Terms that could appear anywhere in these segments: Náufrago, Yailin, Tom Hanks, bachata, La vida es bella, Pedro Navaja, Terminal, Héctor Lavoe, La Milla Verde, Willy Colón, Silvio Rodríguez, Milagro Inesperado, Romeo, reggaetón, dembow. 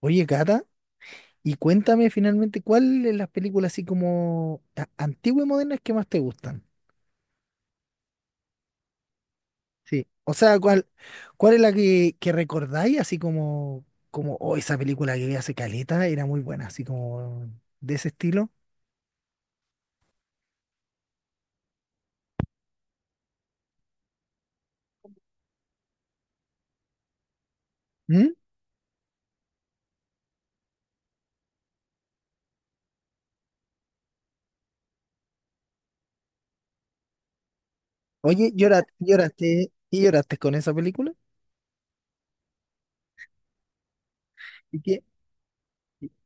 Oye, Cata, y cuéntame finalmente cuál de las películas así como antiguas y modernas que más te gustan. Sí. O sea, cuál es la que recordáis así como, como, oh, esa película que vi hace caleta era muy buena, así como de ese estilo. ¿Mm? Oye, lloraste, y lloraste con esa película. ¿Y qué,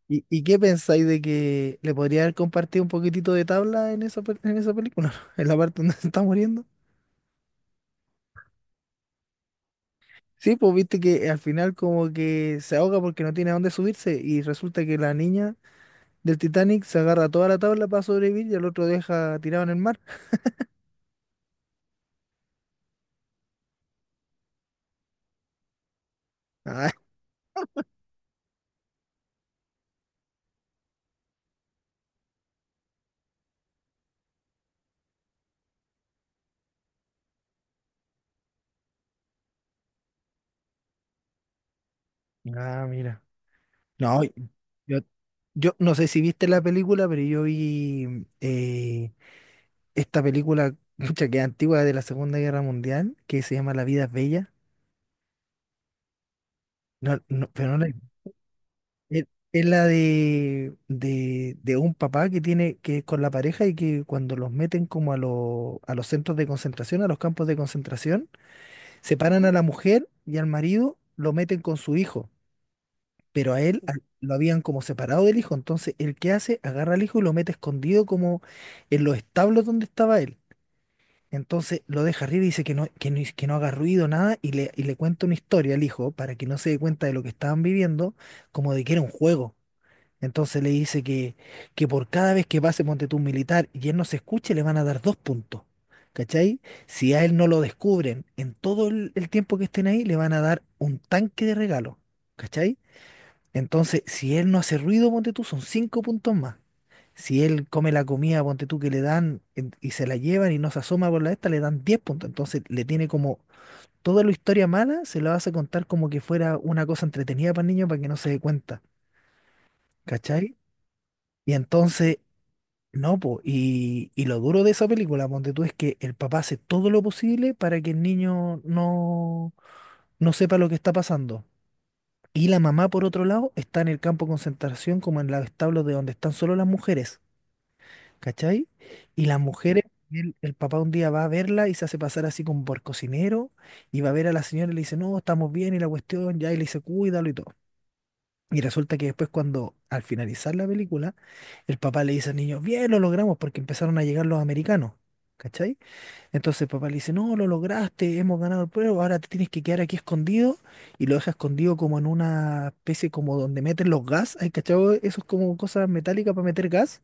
y, y qué pensáis de que le podría haber compartido un poquitito de tabla en esa, en esa película? En la parte donde se está muriendo. Sí, pues viste que al final como que se ahoga porque no tiene a dónde subirse y resulta que la niña del Titanic se agarra a toda la tabla para sobrevivir y el otro deja tirado en el mar. Ah, Ah, mira. No, yo, yo no sé si viste la película, pero yo vi esta película mucha que es antigua de la Segunda Guerra Mundial que se llama La vida es bella. No, no, pero no la... Es, es la de un papá que tiene, que es con la pareja y que cuando los meten como a, a los centros de concentración, a los campos de concentración, separan a la mujer y al marido, lo meten con su hijo. Pero a él lo habían como separado del hijo. Entonces, ¿el qué hace? Agarra al hijo y lo mete escondido como en los establos donde estaba él. Entonces lo deja arriba y dice que no, que no, que no haga ruido, nada, y y le cuenta una historia al hijo para que no se dé cuenta de lo que estaban viviendo, como de que era un juego. Entonces le dice que por cada vez que pase ponte tú un militar y él no se escuche, le van a dar dos puntos. ¿Cachai? Si a él no lo descubren en todo el tiempo que estén ahí, le van a dar un tanque de regalo. ¿Cachai? Entonces, si él no hace ruido, ponte tú, son cinco puntos más. Si él come la comida, ponte tú, que le dan y se la llevan y no se asoma por la esta, le dan 10 puntos. Entonces le tiene como toda la historia mala, se la hace contar como que fuera una cosa entretenida para el niño para que no se dé cuenta. ¿Cachai? Y entonces no, po, y lo duro de esa película, ponte tú, es que el papá hace todo lo posible para que el niño no sepa lo que está pasando. Y la mamá, por otro lado, está en el campo de concentración, como en los establos de donde están solo las mujeres, ¿cachai? Y las mujeres, el papá un día va a verla y se hace pasar así como por cocinero, y va a ver a la señora y le dice, no, estamos bien, y la cuestión, ya, y le dice, cuídalo y todo. Y resulta que después cuando al finalizar la película, el papá le dice al niño, bien, lo logramos porque empezaron a llegar los americanos, ¿cachai? Entonces el papá le dice, no, lo lograste, hemos ganado el pueblo, ahora te tienes que quedar aquí escondido y lo deja escondido como en una especie como donde meten los gas, ¿hay cachado? Eso es como cosas metálicas para meter gas.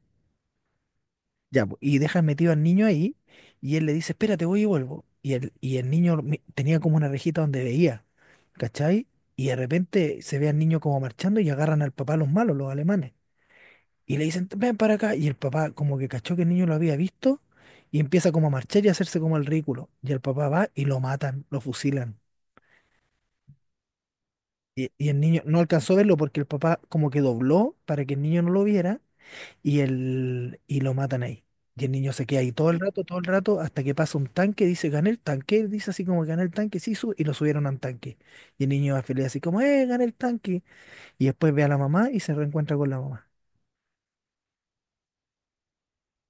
Ya, po, y dejan metido al niño ahí y él le dice, espérate, voy y vuelvo. Y y el niño tenía como una rejita donde veía, ¿cachai? Y de repente se ve al niño como marchando y agarran al papá los malos, los alemanes. Y le dicen, ven para acá. Y el papá como que cachó que el niño lo había visto y empieza como a marchar y a hacerse como el ridículo. Y el papá va y lo matan, lo fusilan. Y el niño no alcanzó a verlo porque el papá como que dobló para que el niño no lo viera y, y lo matan ahí. Y el niño se queda ahí todo el rato, hasta que pasa un tanque, dice, gané el tanque, él dice así como gané el tanque, sí, y lo subieron a un tanque. Y el niño va feliz así como, gané el tanque. Y después ve a la mamá y se reencuentra con la mamá.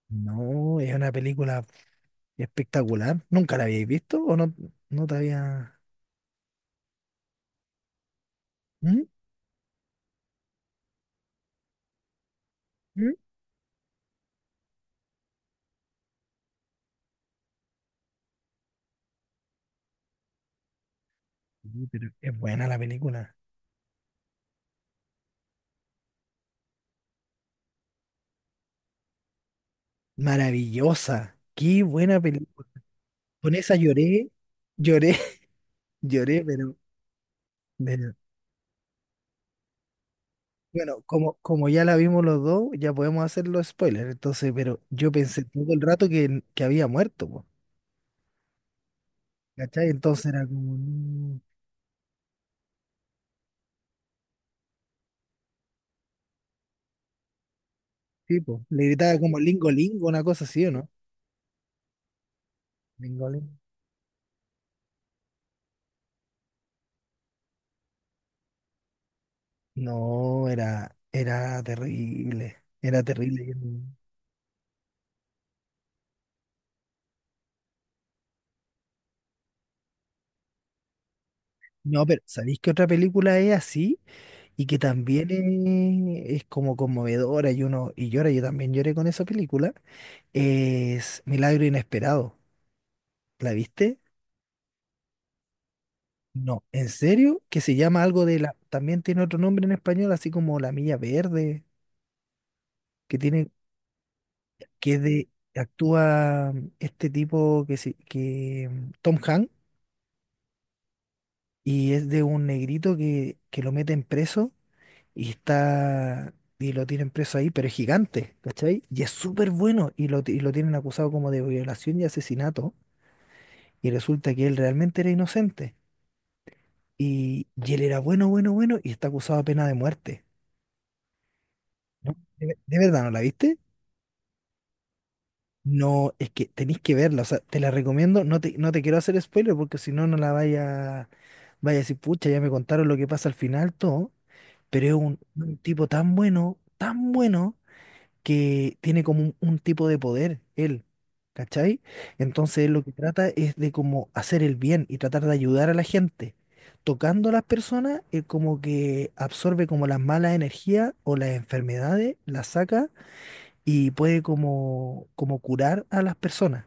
No, es una película espectacular. ¿Nunca la habéis visto o no, no te había...? ¿Mm? ¿Mm? Sí, pero es buena la película. Maravillosa. Qué buena película. Con esa lloré, lloré, lloré, pero... Pero bueno, como, como ya la vimos los dos, ya podemos hacer los spoilers. Entonces, pero yo pensé todo el rato que había muerto, po, ¿cachai? Entonces era como tipo, le gritaba como Lingo Lingo, una cosa así, ¿o no? Lingo Lingo. No, era terrible, era terrible. Yo no, no, pero ¿sabéis que otra película es así y que también es como conmovedora y uno y llora? Yo también lloré con esa película. Es Milagro Inesperado. ¿La viste? No, ¿en serio? Que se llama algo de la... También tiene otro nombre en español, así como La Milla Verde, que tiene, que es de... Actúa este tipo que Tom Hanks y es de un negrito que lo meten preso y está y lo tienen preso ahí, pero es gigante, ¿cachai? Y es súper bueno y y lo tienen acusado como de violación y asesinato y resulta que él realmente era inocente y él era bueno, bueno, bueno y está acusado de pena de muerte. ¿No? ¿De, de verdad no la viste? No, es que tenéis que verla, o sea, te la recomiendo, no te quiero hacer spoiler porque si no, no la vaya a decir, pucha, ya me contaron lo que pasa al final, todo, pero es un tipo tan bueno, que tiene como un tipo de poder, él, ¿cachai? Entonces él lo que trata es de como hacer el bien y tratar de ayudar a la gente. Tocando a las personas, él como que absorbe como las malas energías o las enfermedades, las saca y puede como, como curar a las personas,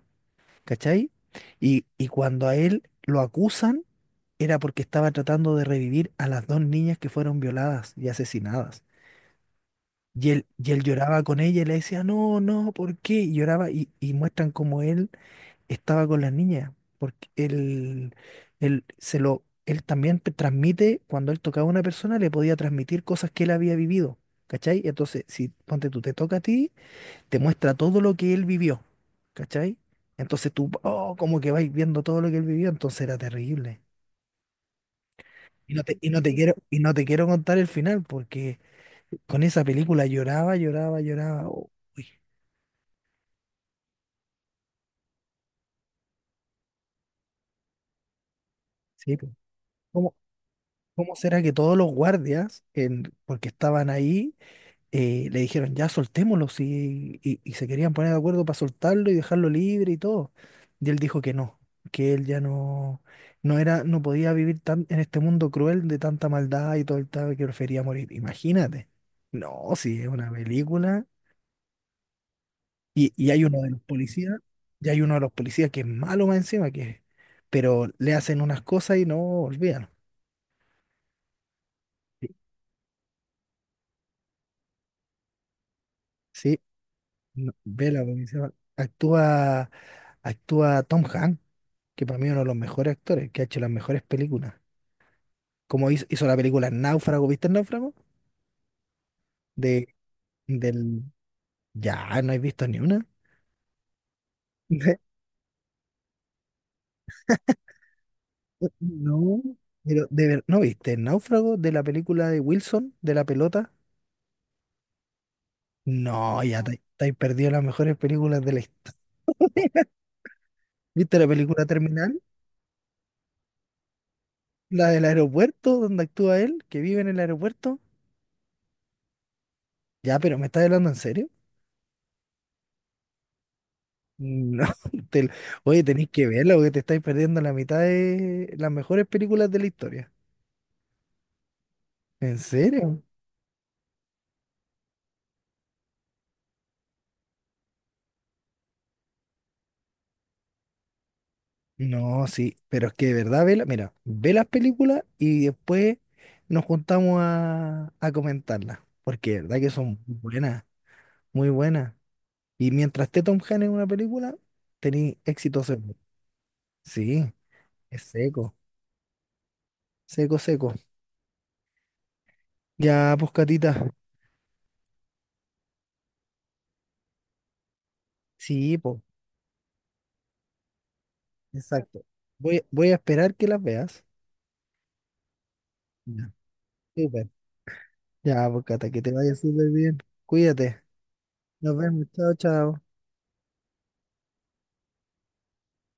¿cachai? Y cuando a él lo acusan era porque estaba tratando de revivir a las dos niñas que fueron violadas y asesinadas. Y él lloraba con ella y le decía, no, no, ¿por qué? Y lloraba y muestran cómo él estaba con las niñas, porque él se lo... Él también te transmite, cuando él tocaba a una persona, le podía transmitir cosas que él había vivido, ¿cachai? Entonces, si ponte tú te toca a ti, te muestra todo lo que él vivió, ¿cachai? Entonces tú, oh, como que vais viendo todo lo que él vivió, entonces era terrible. Y no te quiero contar el final, porque con esa película lloraba, lloraba, lloraba. Oh, uy, sí, po. ¿Cómo, cómo será que todos los guardias, en, porque estaban ahí, le dijeron, ya soltémoslo, sí, y se querían poner de acuerdo para soltarlo y dejarlo libre y todo. Y él dijo que no, que él ya no, no era, no podía vivir tan, en este mundo cruel de tanta maldad y todo el tal, que prefería morir. Imagínate. No, sí, es una película. Y hay uno de los policías, y hay uno de los policías que es malo más encima, que, pero le hacen unas cosas y no olvidan. Sí, sí, no, vela, porque se actúa Tom Hanks, que para mí es uno de los mejores actores, que ha hecho las mejores películas. Como hizo la película Náufrago. ¿Viste el Náufrago? De, del... Ya, no he visto ni una. De- no, pero de ¿no viste el Náufrago de la película de Wilson, de la pelota? No, ya te has perdido las mejores películas de la historia. ¿Viste la película Terminal? La del aeropuerto, donde actúa él, que vive en el aeropuerto. Ya, pero ¿me estás hablando en serio? No, te- oye, tenéis que verla porque te estáis perdiendo la mitad de las mejores películas de la historia. ¿En serio? No, sí, pero es que de verdad, vela, mira, ve las películas y después nos juntamos a comentarlas, porque de verdad que son muy buenas, muy buenas. Y mientras esté Tom Hanks en una película, tenéis éxito seguro. Sí, es seco, seco, seco. Ya, pues, Catita. Sí, pues, exacto. Voy a esperar que las veas. Ya. Súper. Ya, pues Cata, que te vaya súper bien. Cuídate. Nos vemos. Chao, chao.